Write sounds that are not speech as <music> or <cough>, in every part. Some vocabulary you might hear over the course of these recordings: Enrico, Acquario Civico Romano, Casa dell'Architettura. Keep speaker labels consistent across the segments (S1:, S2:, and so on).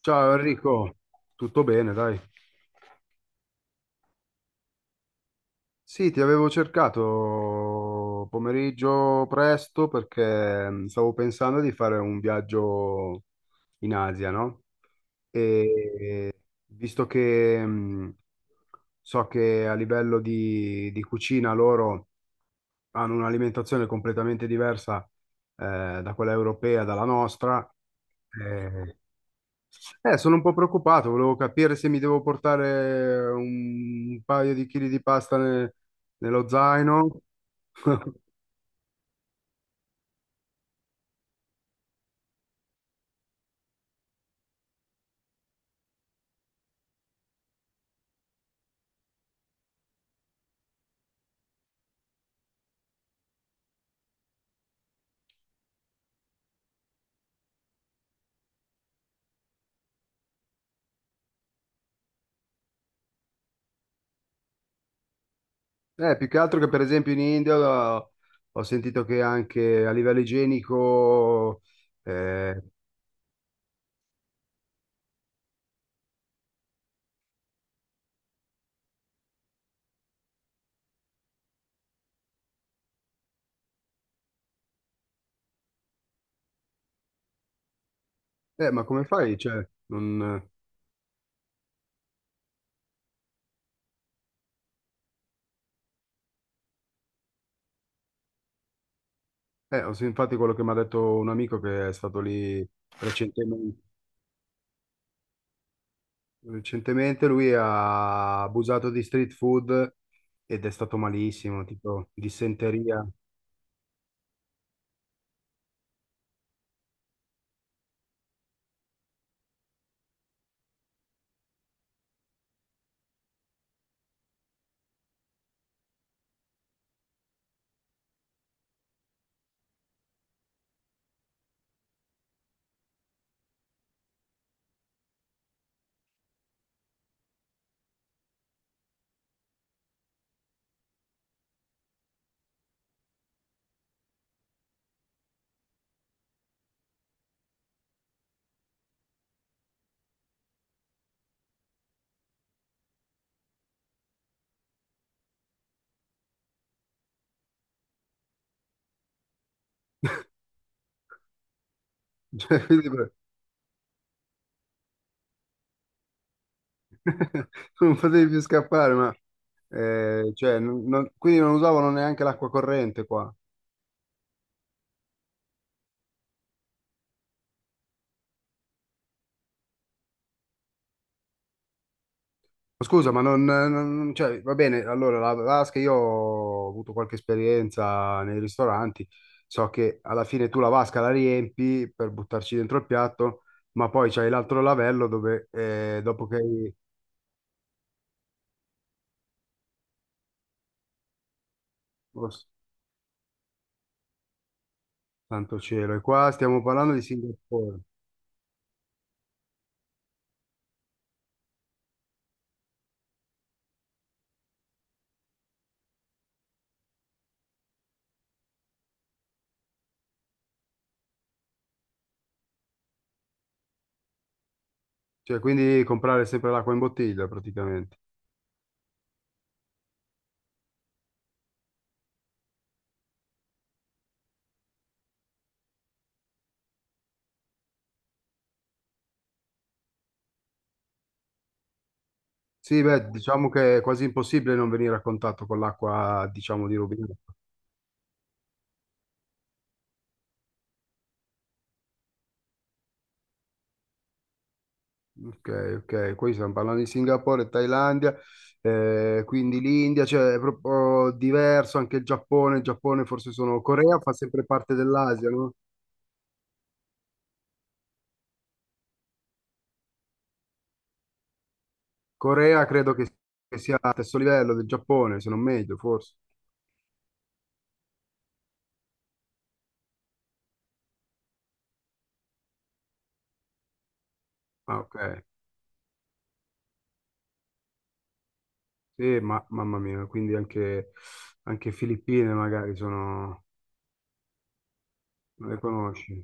S1: Ciao Enrico, tutto bene, dai. Sì, ti avevo cercato pomeriggio presto perché stavo pensando di fare un viaggio in Asia, no? E visto che so che a livello di cucina loro hanno un'alimentazione completamente diversa da quella europea, dalla nostra. Eh, Eh, sono un po' preoccupato, volevo capire se mi devo portare un paio di chili di pasta nello zaino. <laughs> Più che altro che per esempio in India ho sentito che anche a livello igienico... Eh, eh, ma come fai? Eh, infatti quello che mi ha detto un amico che è stato lì recentemente, recentemente, lui ha abusato di street food ed è stato malissimo, tipo dissenteria. <laughs> Cioè, quindi per- <laughs> Tu non potevi più scappare, ma cioè, quindi non usavano neanche l'acqua corrente qua. Scusa, ma cioè, va bene, allora la vasca, io ho avuto qualche esperienza nei ristoranti, so che alla fine tu la vasca la riempi per buttarci dentro il piatto, ma poi c'hai l'altro lavello dove dopo che hai... Oh, santo cielo, e qua stiamo parlando di Singapore, cioè quindi comprare sempre l'acqua in bottiglia praticamente. Sì, beh, diciamo che è quasi impossibile non venire a contatto con l'acqua, diciamo, di rubinetto. Ok, ok, qui stiamo parlando di Singapore, Thailandia, quindi l'India, cioè è proprio diverso, anche il Giappone forse sono, Corea fa sempre parte dell'Asia, no? Corea credo che sia allo stesso livello del Giappone, se non meglio, forse. Ah, ok, sì, ma, mamma mia, quindi anche, anche Filippine magari sono, non le conosci.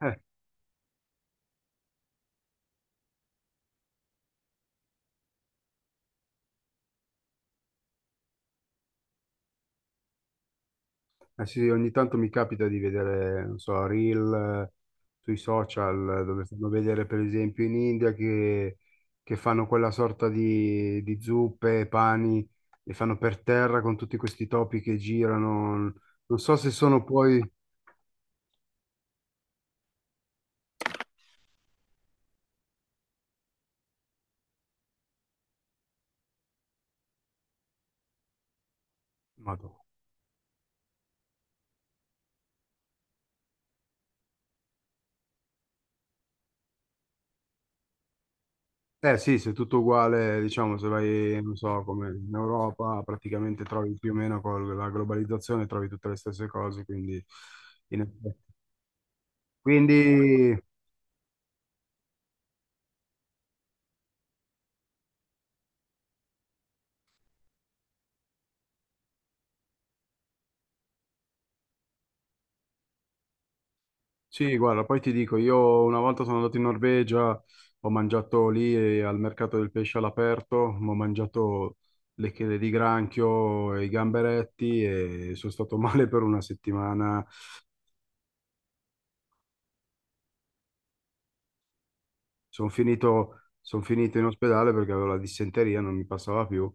S1: <laughs> Eh sì, ogni tanto mi capita di vedere, non so, reel sui social dove fanno vedere per esempio in India che fanno quella sorta di zuppe, pani, e fanno per terra con tutti questi topi che girano. Non so se sono poi... Madò. Eh sì, se è tutto uguale, diciamo, se vai, non so, come in Europa, praticamente trovi più o meno con la globalizzazione, trovi tutte le stesse cose, quindi... in effetti. Quindi... Sì, guarda, poi ti dico, io una volta sono andato in Norvegia, ho mangiato lì al mercato del pesce all'aperto, ho mangiato le chele di granchio e i gamberetti e sono stato <laughs> male per una settimana. Son finito in ospedale perché avevo la dissenteria, non mi passava più.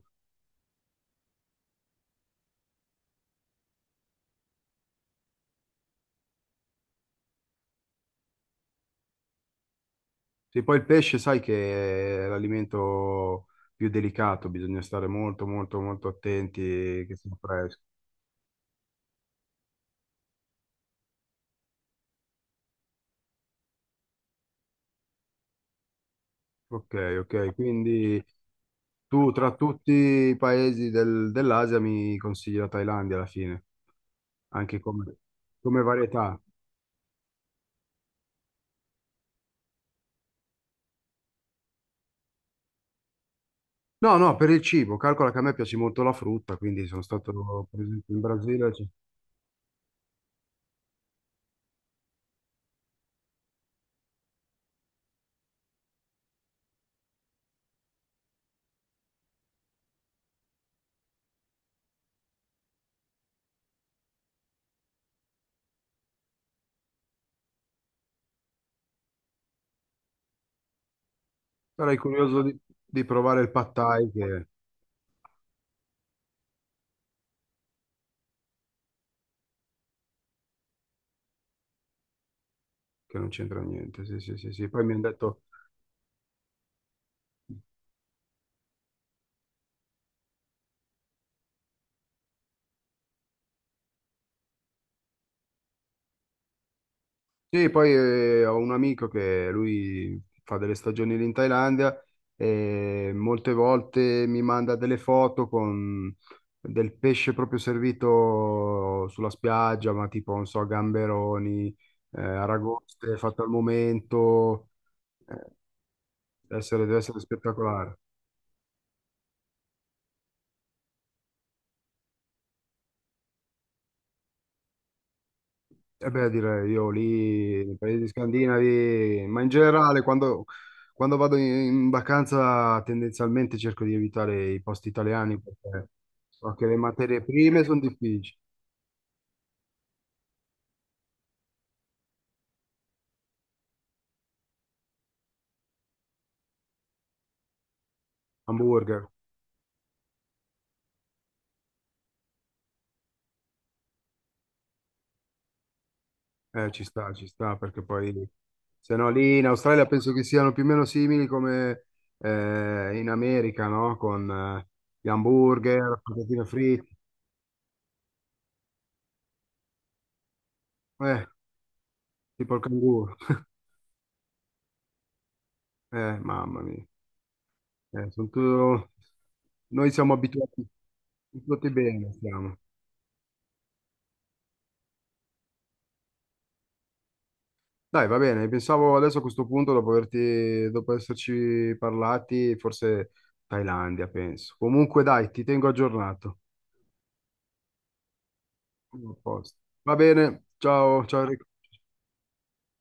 S1: Sì, poi il pesce, sai che è l'alimento più delicato, bisogna stare molto, molto, molto attenti che sia fresco. Ok, ok, quindi... Tu tra tutti i paesi dell'Asia mi consigli la Thailandia alla fine, anche come, come varietà. No, no, per il cibo, calcola che a me piace molto la frutta, quindi sono stato per esempio in Brasile, sarei curioso di provare il pad thai che non c'entra niente, sì, sì, sì, sì. Poi mi hanno detto, sì, poi ho un amico che lui fa delle stagioni lì in Thailandia e molte volte mi manda delle foto con del pesce proprio servito sulla spiaggia, ma tipo, non so, gamberoni, aragoste fatte al momento. Eh, deve essere spettacolare. E beh, direi io lì, nei paesi scandinavi, ma in generale quando, quando vado in vacanza tendenzialmente cerco di evitare i posti italiani perché so che le materie prime sono difficili. Hamburger, ci sta, perché poi se no lì in Australia penso che siano più o meno simili come in America, no? Con gli hamburger, patatine fritte, eh, tipo il canguro. <laughs> Mamma mia. Eh, sono tu- Noi siamo abituati, abituati bene, siamo. Dai, va bene, pensavo adesso a questo punto, dopo averti, dopo esserci parlati, forse Thailandia, penso. Comunque dai, ti tengo aggiornato. A posto. Va bene, ciao, ciao. Enrico.